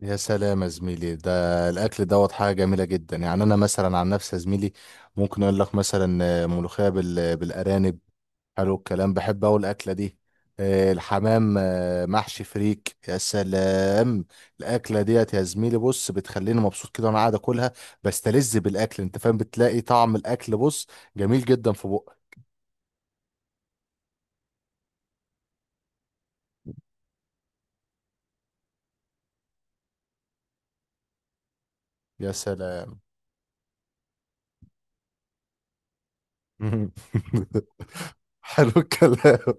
يا سلام يا زميلي. ده الاكل دوت حاجه جميله جدا. يعني انا مثلا عن نفسي يا زميلي، ممكن اقول لك مثلا ملوخيه بالارانب. حلو الكلام، بحب اوي الاكله دي. الحمام، محشي فريك، يا سلام. الاكله ديت يا زميلي بص بتخليني مبسوط كده وانا قاعد اكلها. بستلذ بالاكل انت فاهم، بتلاقي طعم الاكل بص جميل جدا في بقك. يا سلام. حلو الكلام.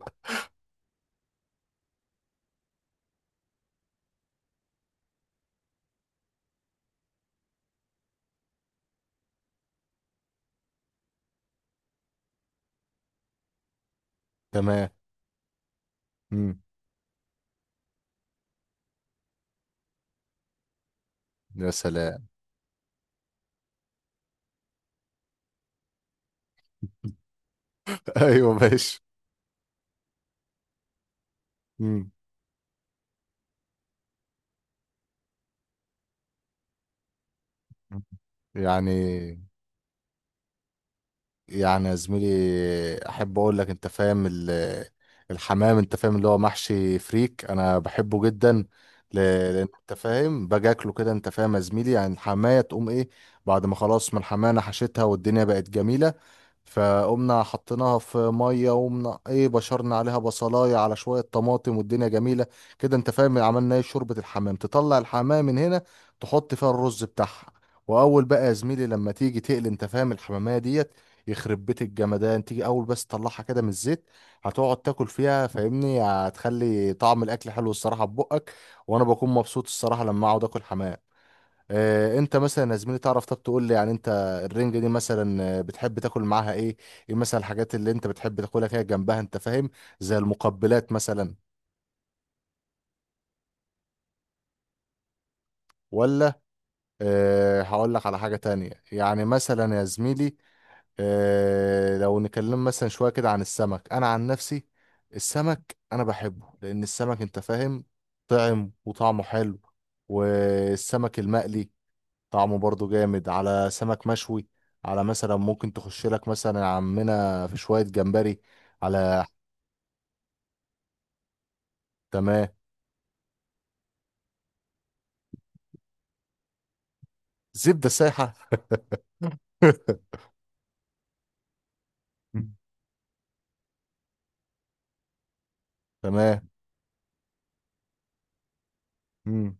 تمام. مم. يا سلام. ايوه ماشي. يعني يعني يا زميلي، احب اقول لك انت فاهم الحمام انت فاهم اللي هو محشي فريك انا بحبه جدا. ل- لان انت فاهم باجي اكله كده انت فاهم يا زميلي، يعني الحمايه تقوم ايه. بعد ما خلاص من الحمايه انا حشيتها والدنيا بقت جميله. فقمنا حطيناها في ميه وقمنا ايه بشرنا عليها بصلايه على شويه طماطم والدنيا جميله كده. انت فاهم عملنا ايه شوربه الحمام، تطلع الحمام من هنا تحط فيها الرز بتاعها. واول بقى يا زميلي لما تيجي تقلي انت فاهم الحماميه ديت، يخرب بيت الجمدان، تيجي اول بس تطلعها كده من الزيت هتقعد تاكل فيها، فاهمني هتخلي طعم الاكل حلو الصراحه في بقك. وانا بكون مبسوط الصراحه لما اقعد اكل حمام. انت مثلا يا زميلي تعرف، طب تقول لي يعني انت الرنجه دي مثلا بتحب تاكل معاها ايه؟ ايه مثلا الحاجات اللي انت بتحب تاكلها كده جنبها انت فاهم؟ زي المقبلات مثلا؟ ولا؟ أه هقول لك على حاجه تانية. يعني مثلا يا زميلي لو نتكلم مثلا شوية كده عن السمك، أنا عن نفسي السمك أنا بحبه لأن السمك أنت فاهم طعم وطعمه حلو. والسمك المقلي طعمه برضه جامد، على سمك مشوي، على مثلا ممكن تخش لك مثلا يا عمنا في شوية جمبري على. تمام. زبدة سايحة. تمام. مم.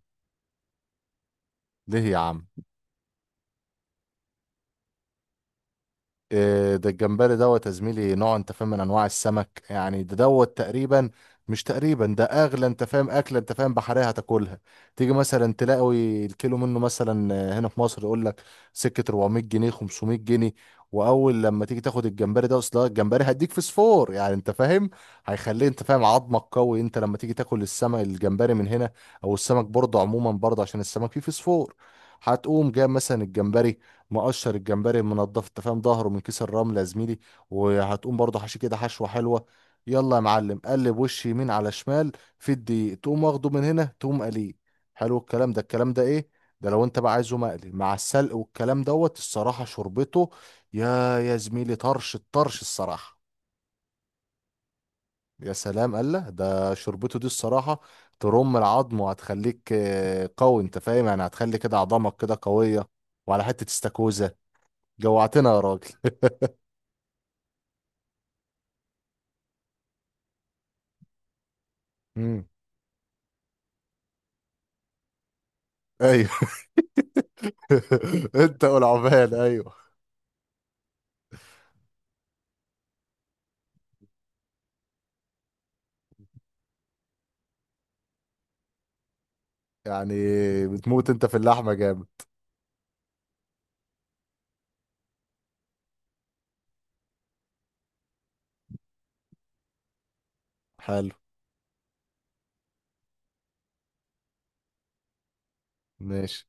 ليه يا عم؟ إيه ده الجمبري دوت يا زميلي؟ نوع انت فاهم من انواع السمك، يعني ده دوت تقريبا، مش تقريبا ده اغلى انت فاهم اكله انت فاهم بحريه هتاكلها. تيجي مثلا تلاقي الكيلو منه مثلا هنا في مصر يقول لك سكه 400 جنيه 500 جنيه. واول لما تيجي تاخد الجمبري ده، اصلا الجمبري هيديك فسفور يعني انت فاهم، هيخليه انت فاهم عظمك قوي. انت لما تيجي تاكل السمك الجمبري من هنا او السمك برضه عموما برضه عشان السمك فيه فسفور، هتقوم جايب مثلا الجمبري مقشر، الجمبري المنضف انت فاهم ظهره من كيس الرمل يا زميلي، وهتقوم برضه حشي كده حشوه حلوه. يلا يا معلم، قلب وش يمين على شمال في الدقيق، تقوم واخده من هنا تقوم قليه. حلو الكلام. ده الكلام ده ايه؟ ده لو انت بقى عايزه مقلي مع السلق والكلام دوت، الصراحه شربته يا زميلي، طرش الطرش الصراحه. يا سلام قال ده، شربته دي الصراحه ترم العظم، وهتخليك قوي انت فاهم، يعني هتخلي كده عظامك كده قويه. وعلى حته استاكوزا، جوعتنا يا راجل. امم. ايوه. انت والعمال ايوه. يعني بتموت انت في اللحمه جامد. حلو. ماشي.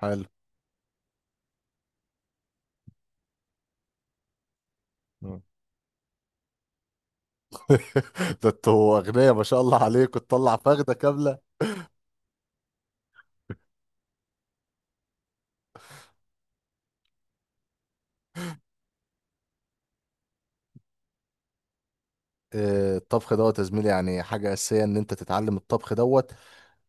حلو. مم. ده انتوا اغنياء ما شاء الله عليكم تطلع فخده كامله. الطبخ دوت يا زميلي يعني حاجه اساسيه ان انت تتعلم الطبخ دوت.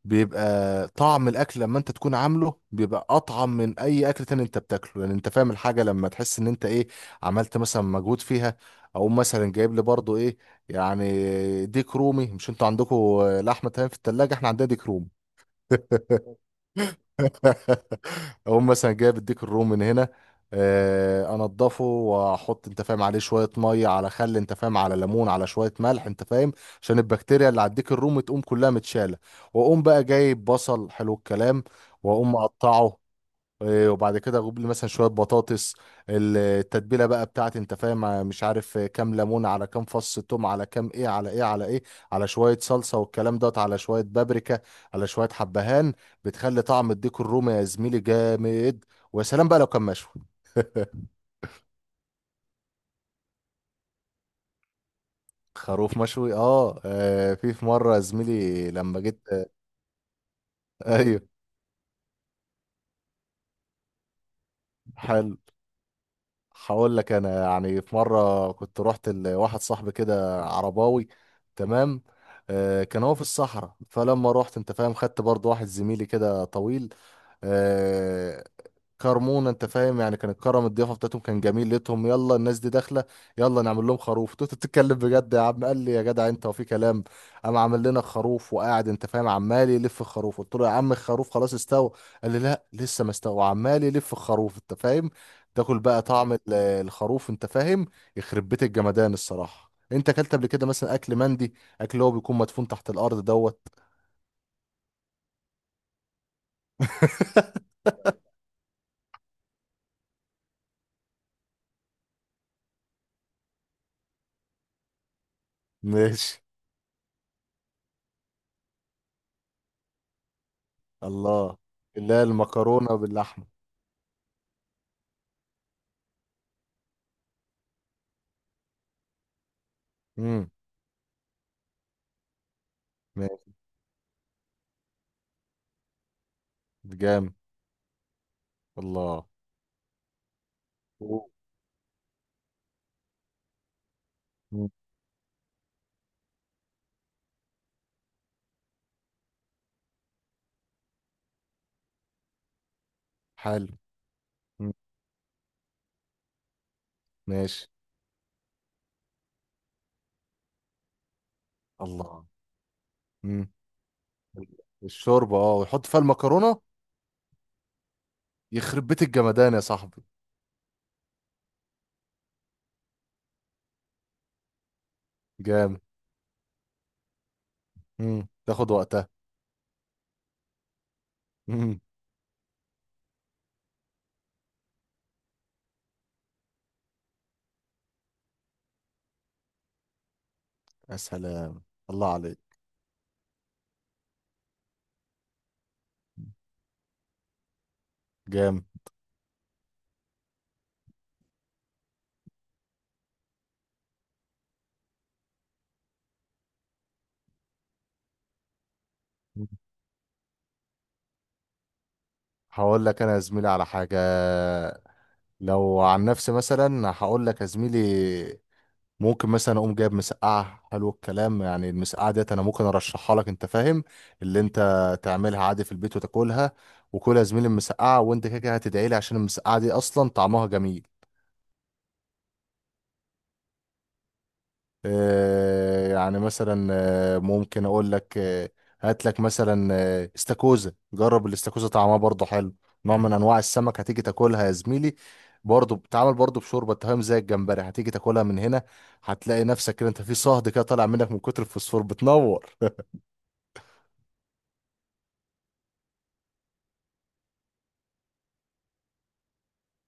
بيبقى طعم الاكل لما انت تكون عامله بيبقى اطعم من اي اكل تاني انت بتاكله، يعني انت فاهم الحاجه لما تحس ان انت ايه عملت مثلا مجهود فيها. او مثلا جايب لي برضو ايه، يعني ديك رومي مش انتوا عندكم لحمه؟ تمام. في التلاجة احنا عندنا ديك رومي. اقوم مثلا جايب الديك الروم من هنا، انضفه واحط انت فاهم عليه شويه ميه على خل انت فاهم على ليمون على شويه ملح انت فاهم عشان البكتيريا اللي على الديك الروم تقوم كلها متشاله. واقوم بقى جايب بصل، حلو الكلام، واقوم مقطعه. إيه، وبعد كده اجيب لي مثلا شويه بطاطس. التتبيله بقى بتاعتي انت فاهم مش عارف كام ليمون على كام فص ثوم على كام ايه على ايه على ايه، على شويه صلصه والكلام دوت، على شويه بابريكا، على شويه حبهان. بتخلي طعم الديك الرومي يا زميلي جامد. ويا سلام بقى لو كان مشوي. خروف مشوي، اه في مره يا زميلي لما جيت ايوه حلو. هقول لك انا، يعني في مره كنت رحت لواحد صاحبي كده عرباوي. تمام. آه كان هو في الصحراء. فلما رحت انت فاهم، خدت برضو واحد زميلي كده طويل. آه، كرمونا انت فاهم، يعني كان الكرم الضيافه بتاعتهم كان جميل. لقيتهم يلا الناس دي داخله، يلا نعمل لهم خروف. انت بتتكلم بجد يا عم؟ قال لي يا جدع انت، وفي كلام. قام عامل لنا خروف وقاعد انت فاهم عمال يلف الخروف. قلت له يا عم الخروف خلاص استوى. قال لي لا لسه ما استوى، وعمال يلف الخروف انت فاهم. تاكل بقى طعم الخروف انت فاهم، يخرب بيت الجمدان الصراحه. انت اكلت قبل كده مثلا اكل مندي؟ اكل اللي هو بيكون مدفون تحت الارض دوت. ماشي. الله. اللي هي المكرونه باللحمه. امم. جامد. الله. أوه. مم. حلو. مم. ماشي. الله. مم. الشوربة اه، ويحط فيها المكرونة. يخرب بيت الجمدان يا صاحبي. جامد. مم. تاخد وقتها. مم. يا سلام. الله عليك. جامد. مم. هقول لك انا يا زميلي على حاجة. لو عن نفسي مثلا هقول لك يا زميلي، ممكن مثلا اقوم جايب مسقعه، حلو الكلام، يعني المسقعه ديت انا ممكن ارشحها لك انت فاهم، اللي انت تعملها عادي في البيت وتاكلها. وكلها يا زميلي المسقعه، وانت كده كده هتدعي لي عشان المسقعه دي اصلا طعمها جميل. آه يعني مثلا ممكن اقول لك هات لك مثلا استاكوزا. جرب الاستاكوزا طعمها برضه حلو، نوع من انواع السمك. هتيجي تاكلها يا زميلي برضه بتتعمل برضه بشوربه أنت فاهم زي الجمبري. هتيجي تاكلها من هنا هتلاقي نفسك كده انت في صهد كده طالع منك من كتر الفوسفور بتنور.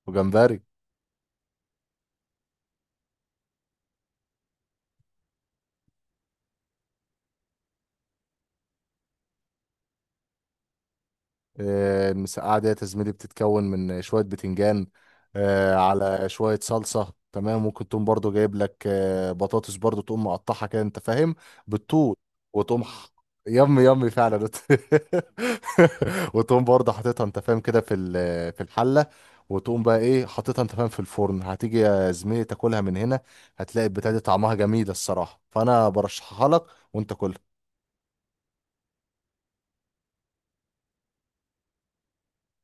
وجمبري. المسقعة ديت يا زميلي بتتكون من شوية بتنجان، على شوية صلصة. تمام. ممكن تقوم برضو جايب لك بطاطس برضو تقوم مقطعها كده انت فاهم بالطول. وتقوم ح- يم يم فعلا. وتقوم برضه حاططها انت فاهم كده في في الحلة، وتقوم بقى ايه حاططها انت فاهم في الفرن. هتيجي يا زميلي تاكلها من هنا، هتلاقي البتاعة دي طعمها جميل الصراحة، فانا برشحها لك. وانت كلها.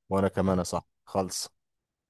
وانا كمان يا صاحبي، خلص.